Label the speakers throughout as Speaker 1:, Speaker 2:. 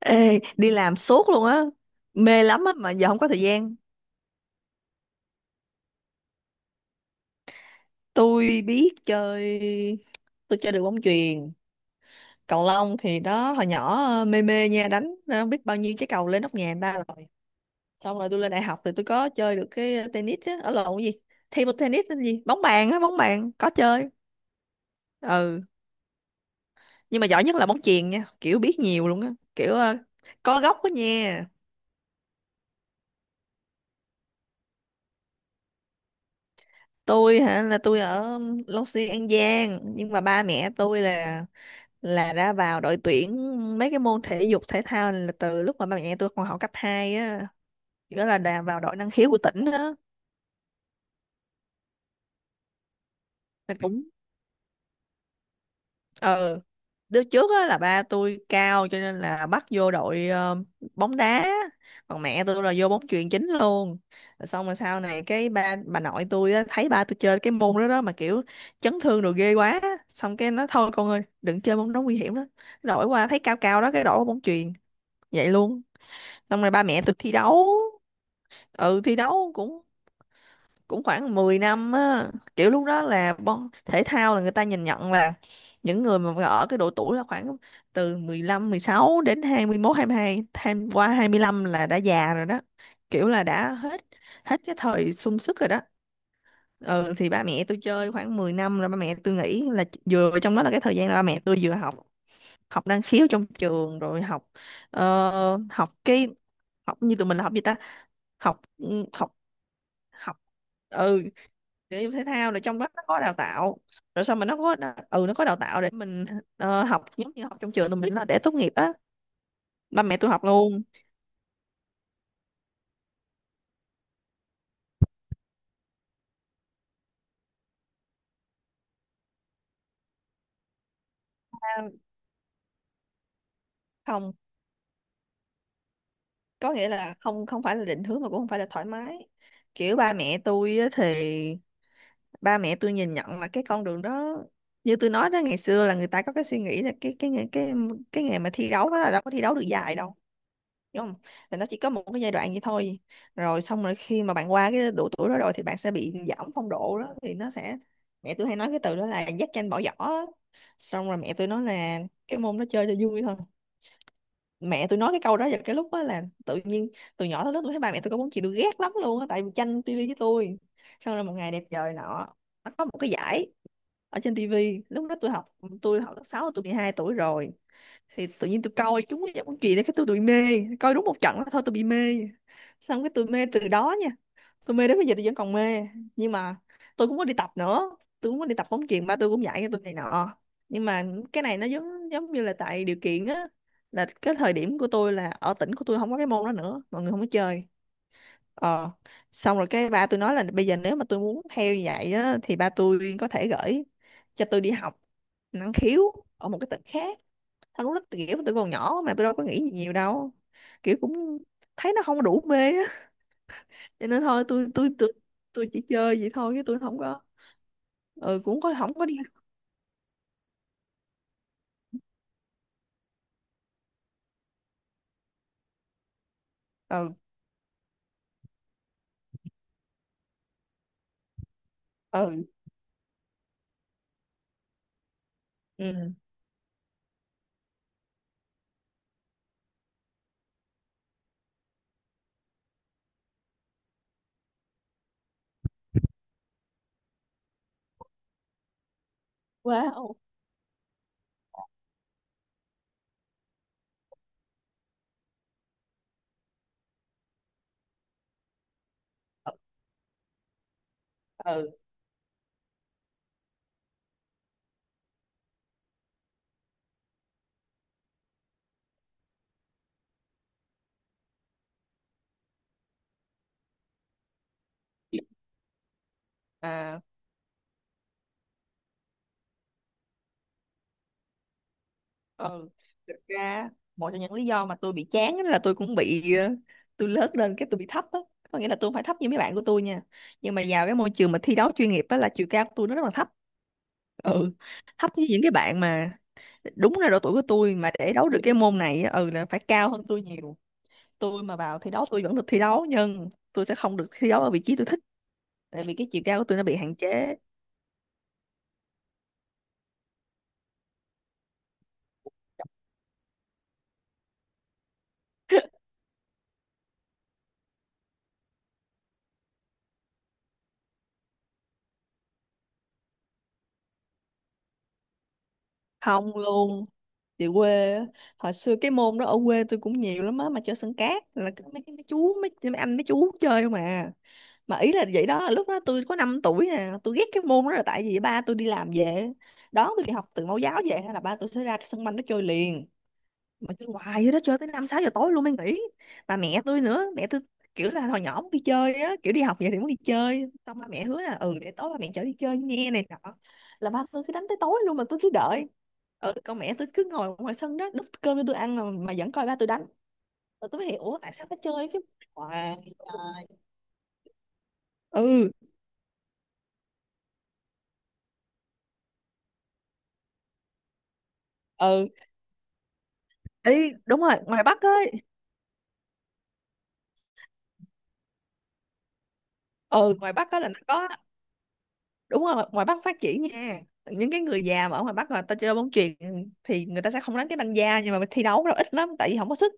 Speaker 1: Ê, đi làm suốt luôn á, mê lắm á mà giờ không có thời gian. Tôi biết chơi, tôi chơi được bóng chuyền. Cầu lông thì đó, hồi nhỏ mê mê nha, đánh biết bao nhiêu trái cầu lên nóc nhà người ta rồi. Xong rồi tôi lên đại học thì tôi có chơi được cái tennis á, ở lộn cái gì, thêm một tennis tên gì, bóng bàn á, bóng bàn có chơi. Ừ, nhưng mà giỏi nhất là bóng chuyền nha, kiểu biết nhiều luôn á, kiểu có gốc á nha. Tôi hả? Là tôi ở Long Xuyên An Giang, nhưng mà ba mẹ tôi là đã vào đội tuyển mấy cái môn thể dục thể thao là từ lúc mà ba mẹ tôi còn học cấp 2 á, nghĩa là đã vào đội năng khiếu của tỉnh á. Thì cũng ờ đứa trước á là ba tôi cao cho nên là bắt vô đội bóng đá, còn mẹ tôi là vô bóng chuyền chính luôn. Rồi xong rồi sau này cái ba bà nội tôi á, thấy ba tôi chơi cái môn đó đó mà kiểu chấn thương rồi ghê quá, xong cái nó thôi con ơi đừng chơi môn đó nguy hiểm đó, đổi qua thấy cao cao đó cái đổi qua bóng chuyền vậy luôn. Xong rồi ba mẹ tôi thi đấu, ừ, thi đấu cũng cũng khoảng 10 năm á, kiểu lúc đó là bon thể thao là người ta nhìn nhận là những người mà ở cái độ tuổi là khoảng từ 15 16 đến hai 21 22 tham qua 25 là đã già rồi đó, kiểu là đã hết, hết cái thời sung sức rồi đó. Ừ, thì ba mẹ tôi chơi khoảng 10 năm rồi ba mẹ tôi nghĩ là vừa trong đó là cái thời gian là ba mẹ tôi vừa học, học năng khiếu trong trường, rồi học học cái, học như tụi mình là học gì ta, học học học ừ thể dục thể thao, rồi trong đó nó có đào tạo, rồi sao mà nó có nó có đào tạo để mình học giống như học trong trường tụi mình là để tốt nghiệp á, ba mẹ tôi học luôn. À, không, có nghĩa là không, không phải là định hướng mà cũng không phải là thoải mái. Kiểu ba mẹ tôi á thì ba mẹ tôi nhìn nhận là cái con đường đó, như tôi nói đó, ngày xưa là người ta có cái suy nghĩ là cái nghề mà thi đấu đó là đâu có thi đấu được dài đâu, đúng không? Thì nó chỉ có một cái giai đoạn vậy thôi, rồi xong rồi khi mà bạn qua cái độ tuổi đó rồi thì bạn sẽ bị giảm phong độ đó thì nó sẽ, mẹ tôi hay nói cái từ đó là dắt tranh bỏ giỏ á. Xong rồi mẹ tôi nói là cái môn đó chơi cho vui thôi. Mẹ tôi nói cái câu đó vào cái lúc đó là tự nhiên, từ nhỏ tới lớn tôi thấy ba mẹ tôi có muốn, chị tôi ghét lắm luôn á tại vì tranh tivi với tôi. Xong rồi một ngày đẹp trời nọ, nó có một cái giải ở trên tivi, lúc đó tôi học, tôi học lớp 6, tôi 12 tuổi rồi, thì tự nhiên tôi coi chúng cái món chuyện đấy cái tôi bị mê, coi đúng một trận đó thôi tôi bị mê, xong cái tôi mê từ đó nha, tôi mê đến bây giờ tôi vẫn còn mê. Nhưng mà tôi cũng có đi tập nữa, tôi cũng có đi tập bóng chuyền, ba tôi cũng dạy cho tôi này nọ, nhưng mà cái này nó giống giống như là tại điều kiện á, là cái thời điểm của tôi là ở tỉnh của tôi không có cái môn đó nữa, mọi người không có chơi. ờ Xong rồi cái ba tôi nói là bây giờ nếu mà tôi muốn theo như vậy á thì ba tôi có thể gửi cho tôi đi học năng khiếu ở một cái tỉnh khác. Tao lúc đó kiểu tụi còn nhỏ mà tôi đâu có nghĩ gì nhiều đâu, kiểu cũng thấy nó không có đủ mê á, cho nên thôi tôi tôi chỉ chơi vậy thôi chứ tôi không có. Ừ, cũng có không có đi. Ừ. Ừ. Ừ, quá wow. Ừ. Ừ. À. Ừ. Thực ra một trong những lý do mà tôi bị chán á là tôi cũng bị tôi lớn lên cái tôi bị thấp á, có nghĩa là tôi không phải thấp như mấy bạn của tôi nha, nhưng mà vào cái môi trường mà thi đấu chuyên nghiệp á là chiều cao của tôi nó rất là thấp. Ừ, thấp như những cái bạn mà đúng là độ tuổi của tôi mà để đấu được cái môn này á, ừ là phải cao hơn tôi nhiều. Tôi mà vào thi đấu tôi vẫn được thi đấu, nhưng tôi sẽ không được thi đấu ở vị trí tôi thích, tại vì cái chiều cao của tôi nó bị hạn chế. Không luôn. Chị quê á, hồi xưa cái môn đó ở quê tôi cũng nhiều lắm á, mà chơi sân cát là mấy anh mấy chú chơi không à. Mà ý là vậy đó, lúc đó tôi có 5 tuổi à, tôi ghét cái môn đó là tại vì ba tôi đi làm về đón tôi đi học từ mẫu giáo về, hay là ba tôi sẽ ra cái sân banh nó chơi liền, mà chơi hoài vậy đó, chơi tới năm sáu giờ tối luôn mới nghỉ. Bà mẹ tôi nữa, mẹ tôi kiểu là hồi nhỏ muốn đi chơi á, kiểu đi học vậy thì muốn đi chơi, xong ba mẹ hứa là ừ để tối ba mẹ chở đi chơi nghe này nọ, là ba tôi cứ đánh tới tối luôn mà tôi cứ đợi. Ừ, con mẹ tôi cứ ngồi ngoài sân đó đút cơm cho tôi ăn mà vẫn coi ba tôi đánh. Rồi tôi mới hiểu "Ủa, tại sao nó chơi cái hoài". Ừ. Ừ, ý đúng rồi, ngoài Bắc ấy. Ừ, ngoài Bắc á là nó có, đúng rồi ngoài Bắc phát triển nha. Những cái người già mà ở ngoài Bắc là ta chơi bóng chuyền thì người ta sẽ không đánh cái banh da, nhưng mà thi đấu nó ít lắm tại vì không có sức,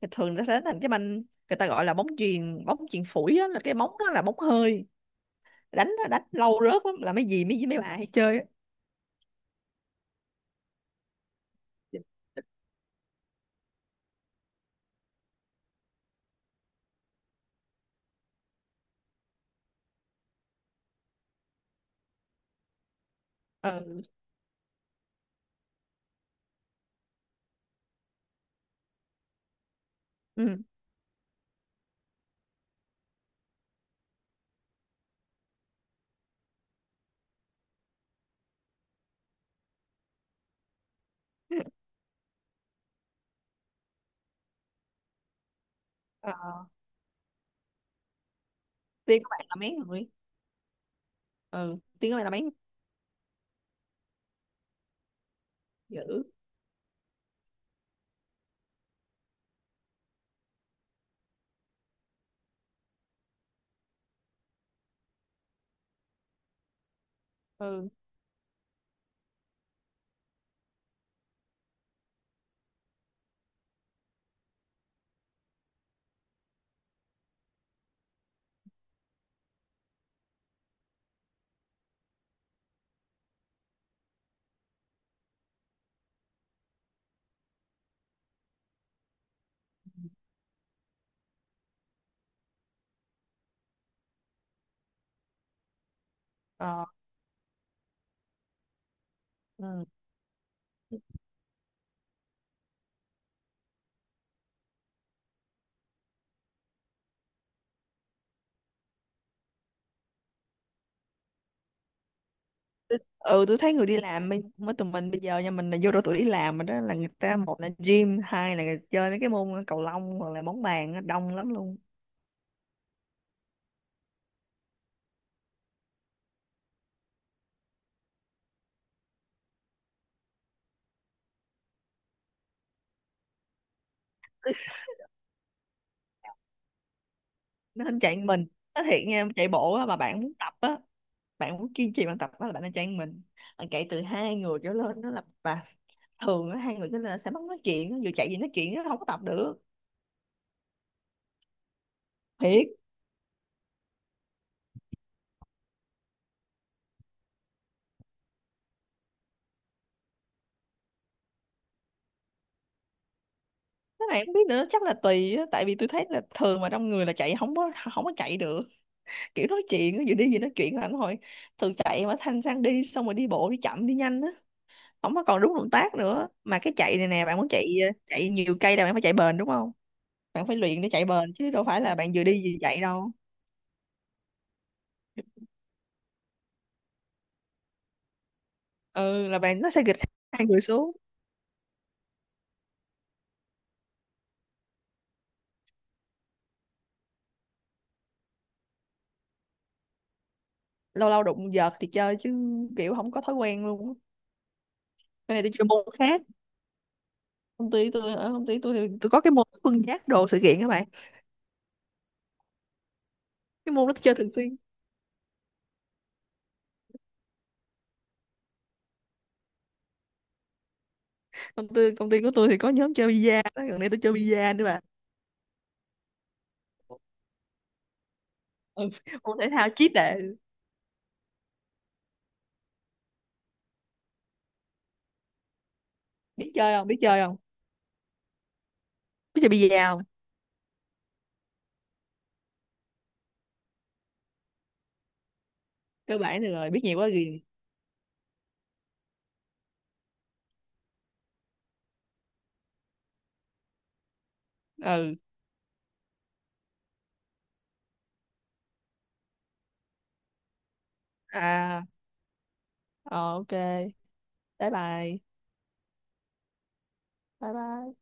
Speaker 1: thì thường người ta sẽ đánh thành cái banh, người ta gọi là bóng chuyền phủi á, là cái bóng đó là bóng hơi, đánh đánh lâu rớt lắm, là mấy dì mấy mấy bà hay chơi á. Ừ. Ừ. Ờ. Tiên các bạn là mấy người? Ừ, Tiên các bạn là mấy người? Dữ. Ừ. Ờ. Ừ. Ừ, tôi thấy người đi làm mới mới tụi mình bây giờ nha, mình là vô độ tuổi đi làm mà, đó là người ta một là gym, hai là chơi mấy cái môn cầu lông hoặc là bóng bàn á, đông lắm luôn. Nó hình chạy mình, nó thiệt nha, chạy bộ á, mà bạn muốn tập á, bạn muốn kiên trì bạn tập á là bạn nên chạy mình. Bạn chạy từ hai người trở lên nó là và, thường á hai người trở lên sẽ mất nói chuyện á, vừa chạy gì nói chuyện nó không có tập được. Thiệt. Cái này không biết nữa, chắc là tùy á, tại vì tôi thấy là thường mà trong người là chạy không có chạy được, kiểu nói chuyện, vừa đi vừa nói chuyện là anh hồi, từ chạy mà thanh sang đi, xong rồi đi bộ đi chậm đi nhanh á, không có còn đúng động tác nữa. Mà cái chạy này nè, bạn muốn chạy chạy nhiều cây là bạn phải chạy bền, đúng không? Bạn phải luyện để chạy bền chứ đâu phải là bạn vừa đi vừa chạy đâu. Ừ, là bạn nó sẽ gịch hai người xuống. Lâu lâu đụng vợt thì chơi chứ, kiểu không có thói quen luôn á. Cái này tôi chơi môn khác, công ty tôi, ở công ty tôi thì tôi có cái môn phân giác đồ sự kiện các bạn, cái môn đó tôi chơi thường xuyên. Công ty của tôi thì có nhóm chơi bida đó, gần đây tôi chơi bida nữa bạn. Ừ. Môn thể thao chí tệ. Biết chơi không? Biết chơi bi-a không? Cơ bản được rồi, biết nhiều quá gì. Ừ. À. Ờ, ok. Bye bye. Bye bye.